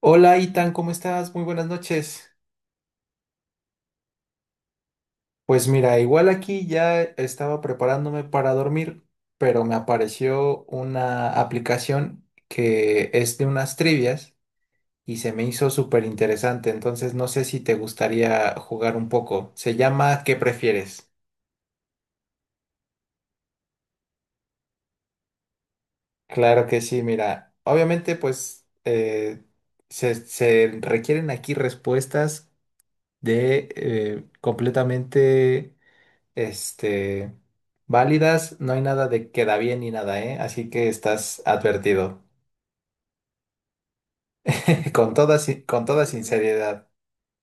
Hola, Itan, ¿cómo estás? Muy buenas noches. Pues mira, igual aquí ya estaba preparándome para dormir, pero me apareció una aplicación que es de unas trivias y se me hizo súper interesante, entonces no sé si te gustaría jugar un poco. Se llama ¿Qué prefieres? Claro que sí, mira, obviamente pues se requieren aquí respuestas de completamente este, válidas, no hay nada de queda bien ni nada, ¿eh? Así que estás advertido. Con toda, con toda sinceridad.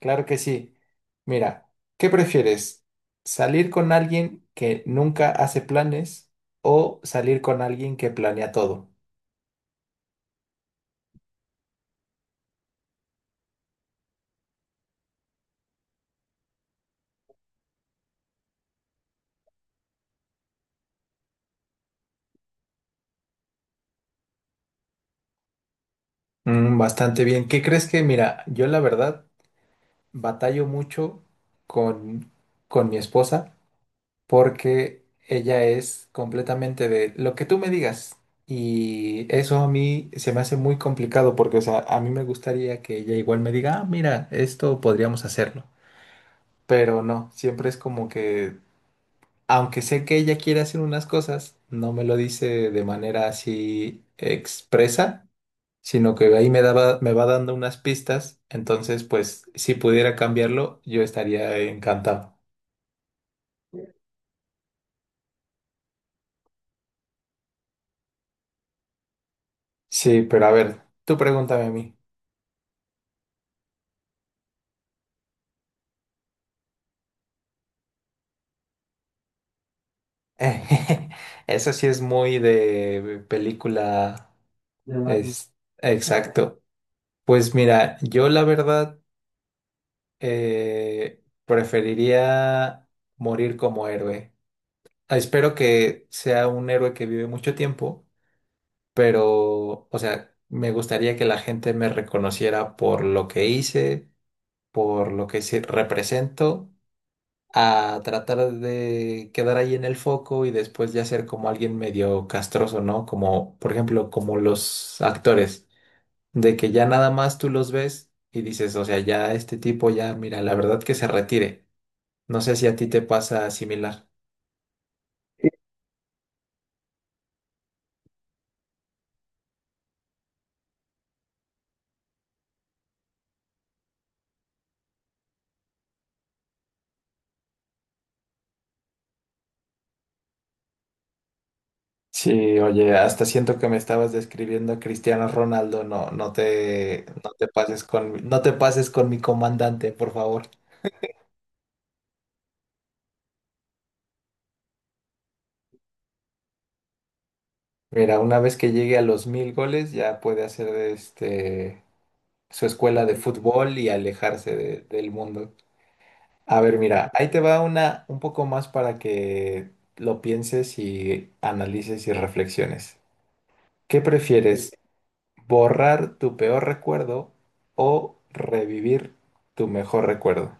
Claro que sí. Mira, ¿qué prefieres? ¿Salir con alguien que nunca hace planes o salir con alguien que planea todo? Mm, bastante bien. ¿Qué crees que, mira, yo la verdad batallo mucho con, con mi esposa, porque ella es completamente de lo que tú me digas. Y eso a mí se me hace muy complicado porque, o sea, a mí me gustaría que ella igual me diga, ah, mira, esto podríamos hacerlo. Pero no, siempre es como que, aunque sé que ella quiere hacer unas cosas, no me lo dice de manera así expresa, sino que me va dando unas pistas. Entonces, pues, si pudiera cambiarlo, yo estaría encantado. Sí, pero a ver, tú pregúntame a mí. Eso sí es muy de película. De Batman. Es, exacto. Pues mira, yo la verdad preferiría morir como héroe. Espero que sea un héroe que vive mucho tiempo, pero, o sea, me gustaría que la gente me reconociera por lo que hice, por lo que sí represento, a tratar de quedar ahí en el foco y después ya ser como alguien medio castroso, ¿no? Como, por ejemplo, como los actores, de que ya nada más tú los ves y dices, o sea, ya este tipo ya, mira, la verdad que se retire. No sé si a ti te pasa similar. Sí, oye, hasta siento que me estabas describiendo a Cristiano Ronaldo, no, no te pases con, no te pases con mi comandante, por favor. Mira, una vez que llegue a los mil goles, ya puede hacer este su escuela de fútbol y alejarse del mundo. A ver, mira, ahí te va una un poco más para que lo pienses y analices y reflexiones. ¿Qué prefieres? ¿Borrar tu peor recuerdo o revivir tu mejor recuerdo?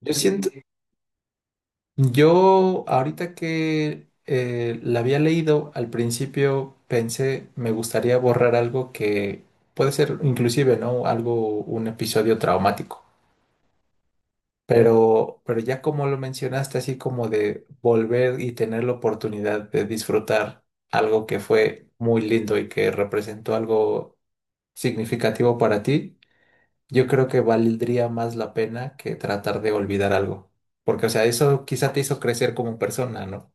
Yo siento, yo ahorita que la había leído, al principio pensé, me gustaría borrar algo que puede ser inclusive, ¿no? Algo, un episodio traumático. Pero ya como lo mencionaste, así como de volver y tener la oportunidad de disfrutar algo que fue muy lindo y que representó algo significativo para ti, yo creo que valdría más la pena que tratar de olvidar algo. Porque, o sea, eso quizá te hizo crecer como persona, ¿no?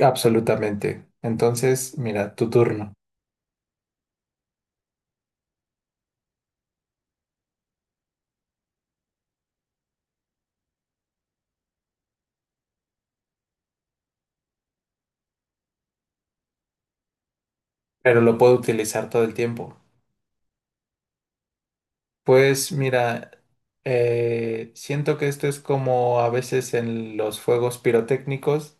Absolutamente. Entonces, mira, tu turno. Pero lo puedo utilizar todo el tiempo. Pues mira, siento que esto es como a veces en los fuegos pirotécnicos,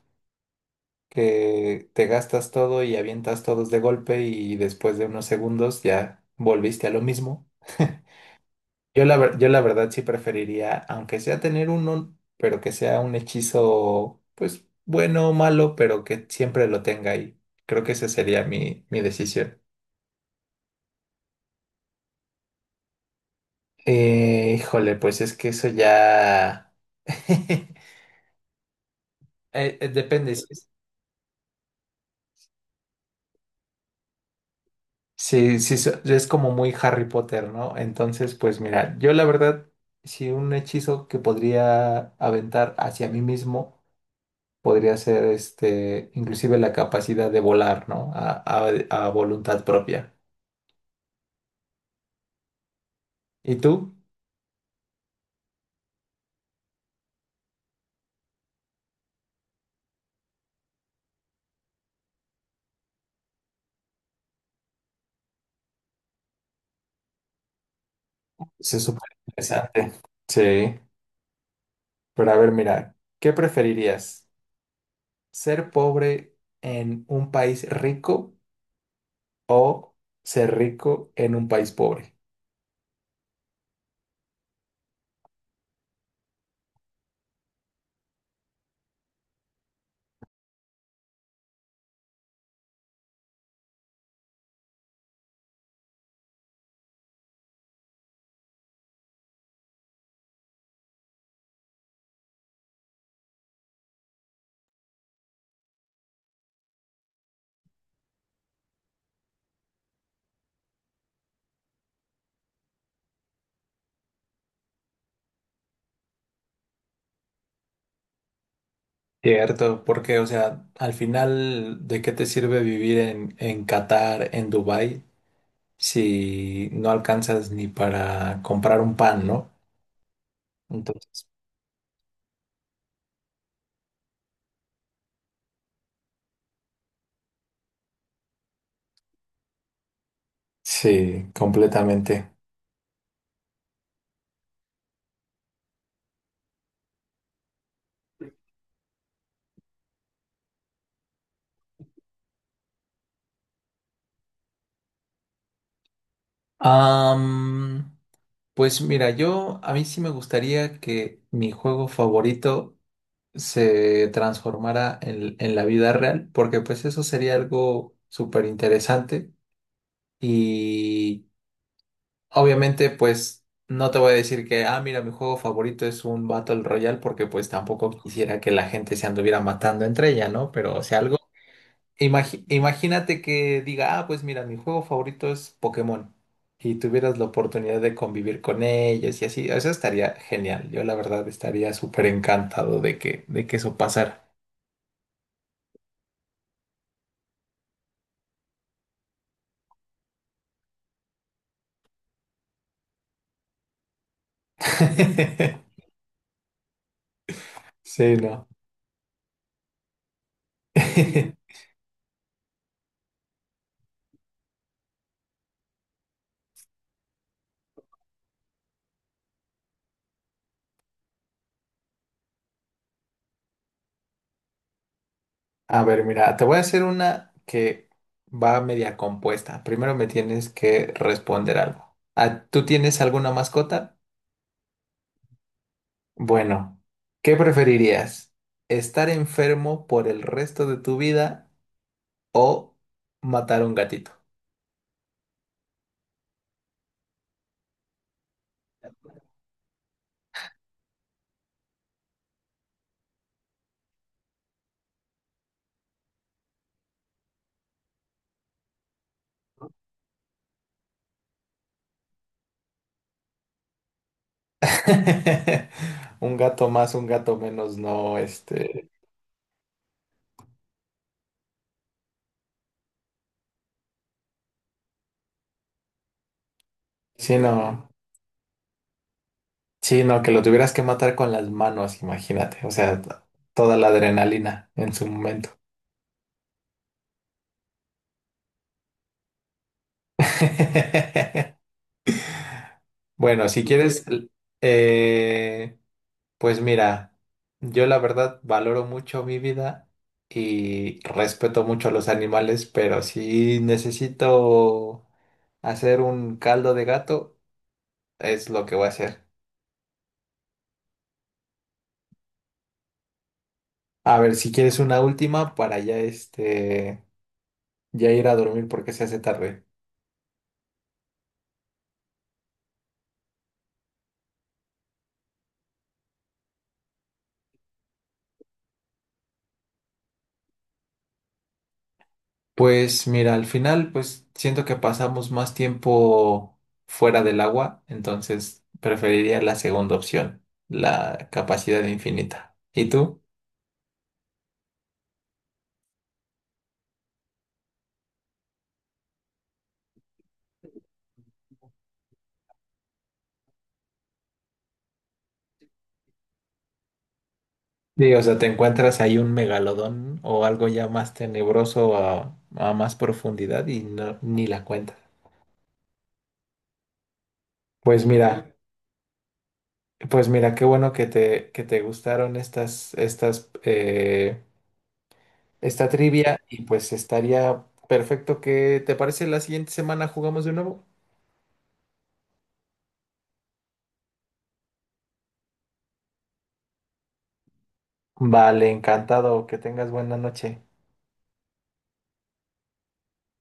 que te gastas todo y avientas todos de golpe y después de unos segundos ya volviste a lo mismo. Yo la, yo la verdad sí preferiría, aunque sea tener uno, pero que sea un hechizo, pues bueno o malo, pero que siempre lo tenga ahí. Creo que esa sería mi decisión. Híjole, pues es que eso ya... depende. Sí, es como muy Harry Potter, ¿no? Entonces, pues mira, yo la verdad, si un hechizo que podría aventar hacia mí mismo podría ser este, inclusive la capacidad de volar, ¿no? A voluntad propia. ¿Y tú? Se supone interesante. Sí, pero a ver, mira, ¿qué preferirías? ¿Ser pobre en un país rico o ser rico en un país pobre? Cierto, porque, o sea, al final, ¿de qué te sirve vivir en Qatar, en Dubái, si no alcanzas ni para comprar un pan, ¿no? Entonces, sí, completamente. Am, pues mira, yo, a mí sí me gustaría que mi juego favorito se transformara en la vida real, porque pues eso sería algo súper interesante y... Obviamente, pues no te voy a decir que, ah, mira, mi juego favorito es un Battle Royale porque pues tampoco quisiera que la gente se anduviera matando entre ella, ¿no? Pero, o sea, algo, imagínate que diga, ah, pues mira, mi juego favorito es Pokémon y tuvieras la oportunidad de convivir con ellos y así, eso estaría genial. Yo la verdad estaría súper encantado de de que eso pasara. Sí, ¿no? A ver, mira, te voy a hacer una que va media compuesta. Primero me tienes que responder algo. Ah, ¿tú tienes alguna mascota? Bueno, ¿qué preferirías? ¿Estar enfermo por el resto de tu vida o matar a un gatito? Un gato más, un gato menos, no, este, sino, sino que lo tuvieras que matar con las manos, imagínate, o sea, toda la adrenalina en su momento. Bueno, si quieres, eh, pues mira, yo la verdad valoro mucho mi vida y respeto mucho a los animales, pero si necesito hacer un caldo de gato, es lo que voy a hacer. A ver, si quieres una última para ya este, ya ir a dormir porque se hace tarde. Pues mira, al final, pues siento que pasamos más tiempo fuera del agua, entonces preferiría la segunda opción, la capacidad infinita. ¿Y tú? Sí, o sea, te encuentras ahí un megalodón o algo ya más tenebroso a más profundidad y no, ni la cuentas. Pues mira, pues mira, qué bueno que te gustaron estas, estas, esta trivia y pues estaría perfecto que, ¿te parece la siguiente semana jugamos de nuevo? Vale, encantado. Que tengas buena noche.